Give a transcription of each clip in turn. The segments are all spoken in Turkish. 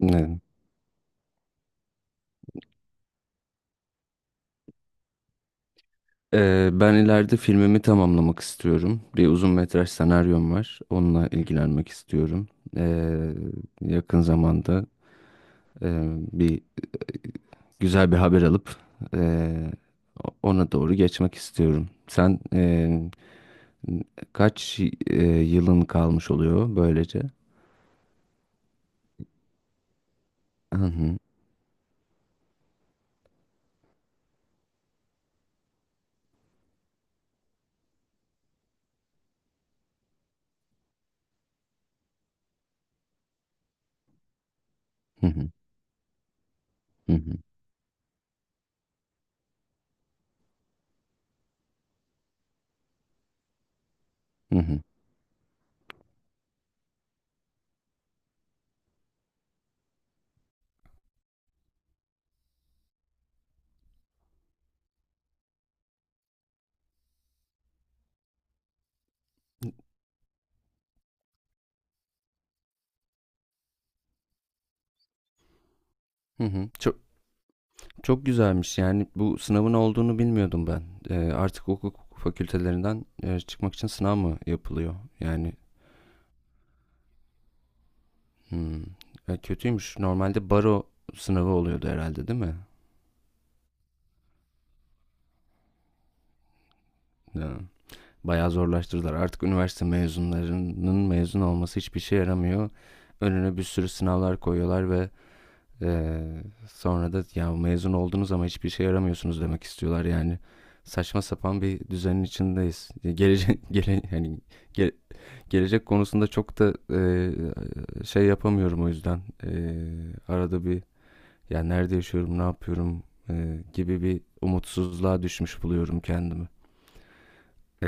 Ne? Ben ileride filmimi tamamlamak istiyorum. Bir uzun metraj senaryom var. Onunla ilgilenmek istiyorum. Ee, Yakın zamanda bir güzel bir haber alıp e, ona doğru geçmek istiyorum. Sen kaç yılın kalmış oluyor böylece? Hı hı, hı hı, hı hı, hı hı, hı hı. Çok güzelmiş, yani bu sınavın olduğunu bilmiyordum ben. Artık hukuk fakültelerinden çıkmak için sınav mı yapılıyor? Yani hmm, kötüymüş. Normalde baro sınavı oluyordu herhalde, değil mi? Ya, bayağı zorlaştırdılar. Artık üniversite mezunlarının mezun olması hiçbir şey yaramıyor. Önüne bir sürü sınavlar koyuyorlar ve e, sonra da ya mezun oldunuz ama hiçbir şey yaramıyorsunuz demek istiyorlar yani. Saçma sapan bir düzenin içindeyiz. Yani Ge- gelecek konusunda çok da şey yapamıyorum o yüzden. E, arada bir ya nerede yaşıyorum, ne yapıyorum, gibi bir umutsuzluğa düşmüş buluyorum kendimi. E,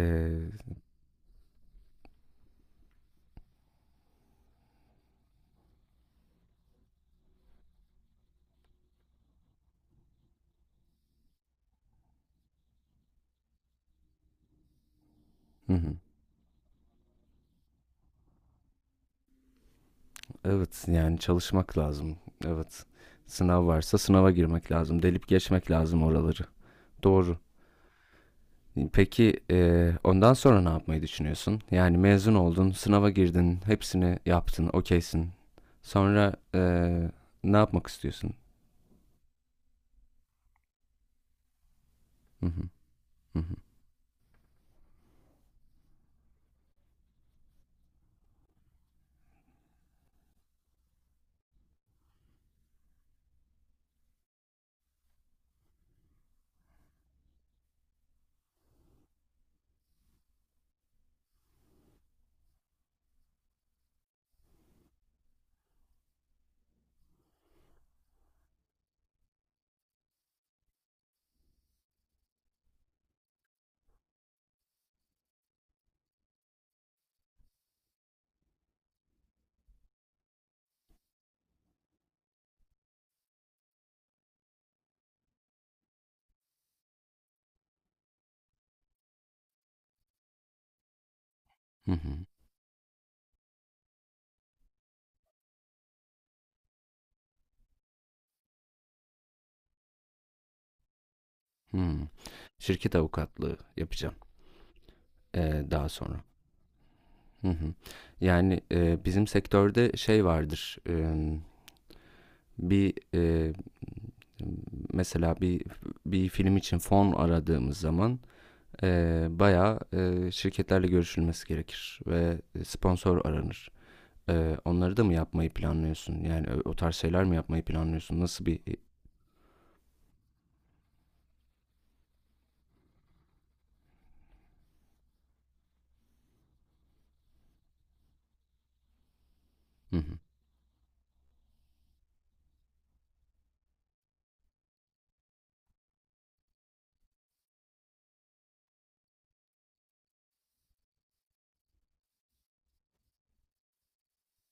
hı hı. Evet, yani çalışmak lazım. Evet. Sınav varsa sınava girmek lazım. Delip geçmek lazım oraları. Doğru. Peki, ondan sonra ne yapmayı düşünüyorsun? Yani mezun oldun, sınava girdin, hepsini yaptın, okeysin. Sonra ne yapmak istiyorsun? Hı hı. Hı hı. Hı hı. Hımm. Şirket avukatlığı yapacağım, daha sonra. Hı hı. Bizim sektörde şey vardır, bir, mesela bir film için fon aradığımız zaman, bayağı, şirketlerle görüşülmesi gerekir ve sponsor aranır. Onları da mı yapmayı planlıyorsun? Yani, o tarz şeyler mi yapmayı planlıyorsun? Nasıl bir, hı hı.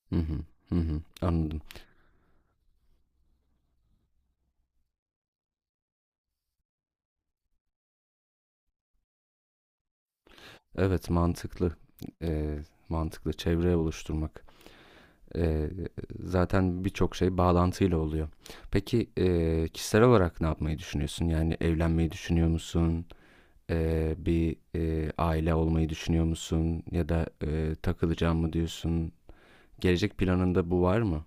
Hı hı. Hı hı. Anladım. Evet, mantıklı. Eee, mantıklı çevre oluşturmak. Eee, zaten birçok şey bağlantıyla oluyor. Peki, kişisel olarak ne yapmayı düşünüyorsun? Yani evlenmeyi düşünüyor musun? Bir, aile olmayı düşünüyor musun? Ya da, takılacağım mı diyorsun? Gelecek planında bu var mı?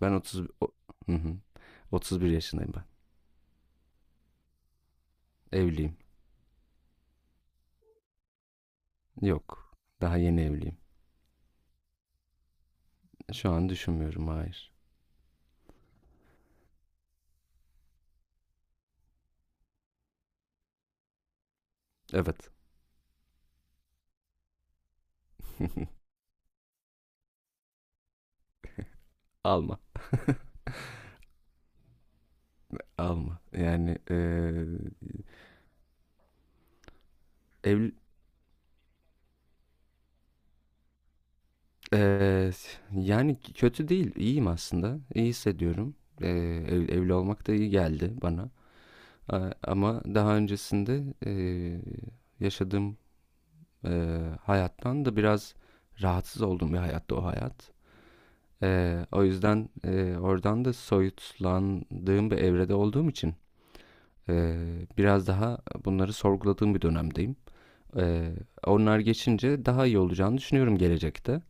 Ben 30 o Hı hı. 31 yaşındayım ben. Evliyim. Yok, daha yeni evliyim. Şu an düşünmüyorum, hayır. Evet. Alma. Alma. Yani ev, eee, yani kötü değil. İyiyim aslında. İyi hissediyorum. Eee, evli olmak da iyi geldi bana. Ama daha öncesinde yaşadığım hayattan da biraz rahatsız olduğum bir hayattı o hayat. O yüzden oradan da soyutlandığım bir evrede olduğum için biraz daha bunları sorguladığım bir dönemdeyim. Eee, onlar geçince daha iyi olacağını düşünüyorum gelecekte.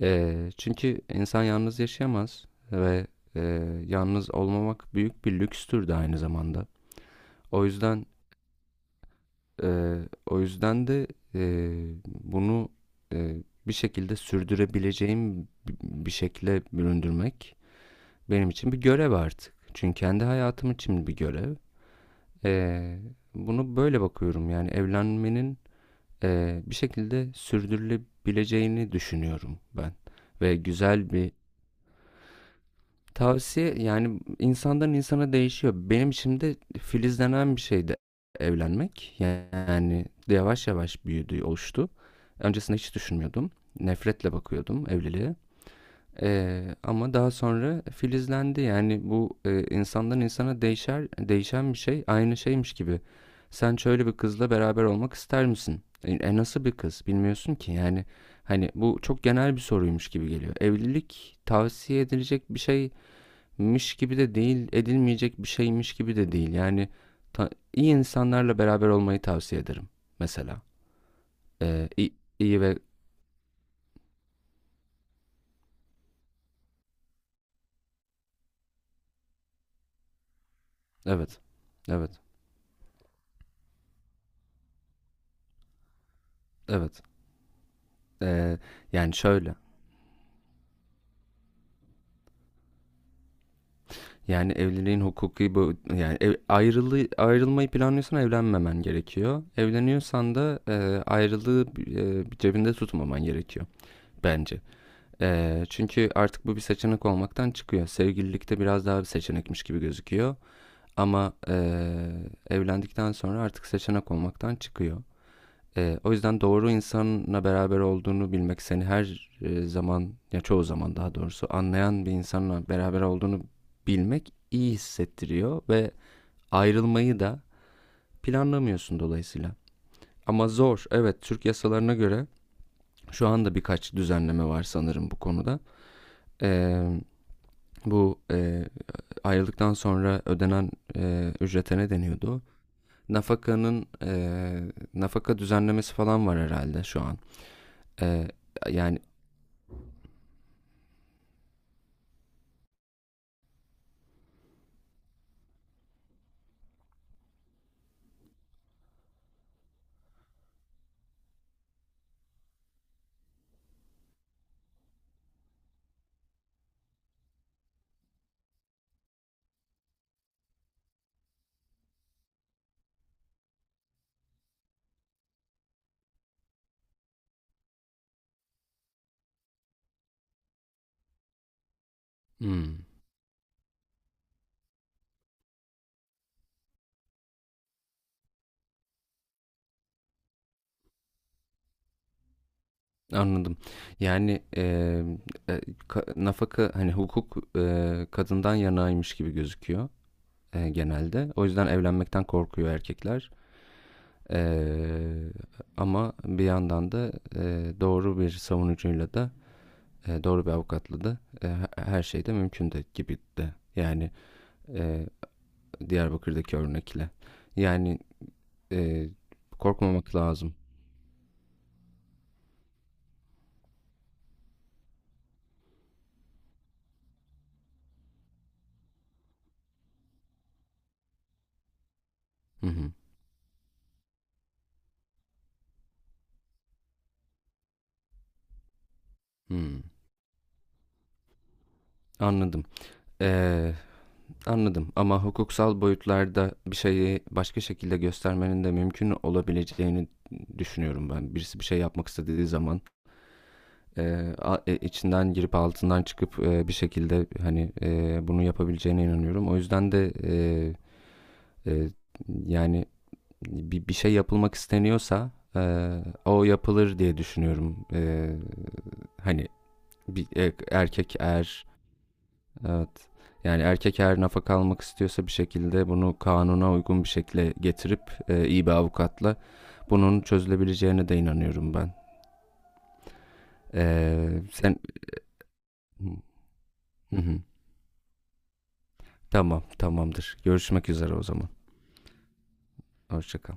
Çünkü insan yalnız yaşayamaz ve eee, yalnız olmamak büyük bir lükstür de aynı zamanda. O yüzden eee, o yüzden de eee, bunu eee, bir şekilde sürdürebileceğim bir şekilde büründürmek benim için bir görev artık. Çünkü kendi hayatım için bir görev. Eee, bunu böyle bakıyorum, yani evlenmenin bir şekilde sürdürülebileceğini düşünüyorum ben ve güzel bir tavsiye, yani insandan insana değişiyor. Benim şimdi filizlenen bir şeydi evlenmek. Yani yavaş yavaş büyüdü, oluştu. Öncesinde hiç düşünmüyordum. Nefretle bakıyordum evliliğe. Ama daha sonra filizlendi. Yani bu insandan insana değişen bir şey aynı şeymiş gibi. Sen şöyle bir kızla beraber olmak ister misin? Nasıl bir kız bilmiyorsun ki. Yani hani bu çok genel bir soruymuş gibi geliyor. Evlilik tavsiye edilecek bir şey miş gibi de değil, edilmeyecek bir şeymiş gibi de değil. Yani iyi insanlarla beraber olmayı tavsiye ederim mesela. İyi ve evet, evet, evet. Ee, yani şöyle, yani evliliğin hukuki bu, ayrılmayı planlıyorsan evlenmemen gerekiyor. Evleniyorsan da ayrılığı cebinde tutmaman gerekiyor bence. E, çünkü artık bu bir seçenek olmaktan çıkıyor. Sevgililikte biraz daha bir seçenekmiş gibi gözüküyor. Ama evlendikten sonra artık seçenek olmaktan çıkıyor. O yüzden doğru insanla beraber olduğunu bilmek seni her zaman ya çoğu zaman daha doğrusu anlayan bir insanla beraber olduğunu bilmek iyi hissettiriyor ve ayrılmayı da planlamıyorsun dolayısıyla. Ama zor. Evet, Türk yasalarına göre şu anda birkaç düzenleme var sanırım bu konuda. Eee, bu ayrıldıktan sonra ödenen ücrete ne deniyordu? nafakanın e, Nafaka düzenlemesi falan var herhalde şu an. E, yani hmm. Anladım. Yani e, nafaka hani hukuk kadından yanaymış gibi gözüküyor genelde. O yüzden evlenmekten korkuyor erkekler. E, ama bir yandan da doğru bir savunucuyla da doğru bir avukatla da her şey de mümkün de gibi de. Yani e, Diyarbakır'daki örnekle. Yani Ee, korkmamak lazım. Hı hı. Hmm. Anladım. Ee, anladım, ama hukuksal boyutlarda bir şeyi başka şekilde göstermenin de mümkün olabileceğini düşünüyorum ben. Birisi bir şey yapmak istediği zaman e, içinden girip altından çıkıp bir şekilde hani bunu yapabileceğine inanıyorum. O yüzden de e, yani bir şey yapılmak isteniyorsa e, o yapılır diye düşünüyorum. Hani bir erkek eğer evet. Yani erkek her nafaka almak istiyorsa bir şekilde bunu kanuna uygun bir şekilde getirip iyi bir avukatla bunun çözülebileceğine de inanıyorum ben. Sen... Hı hı. Tamam, tamamdır. Görüşmek üzere o zaman. Hoşça kal.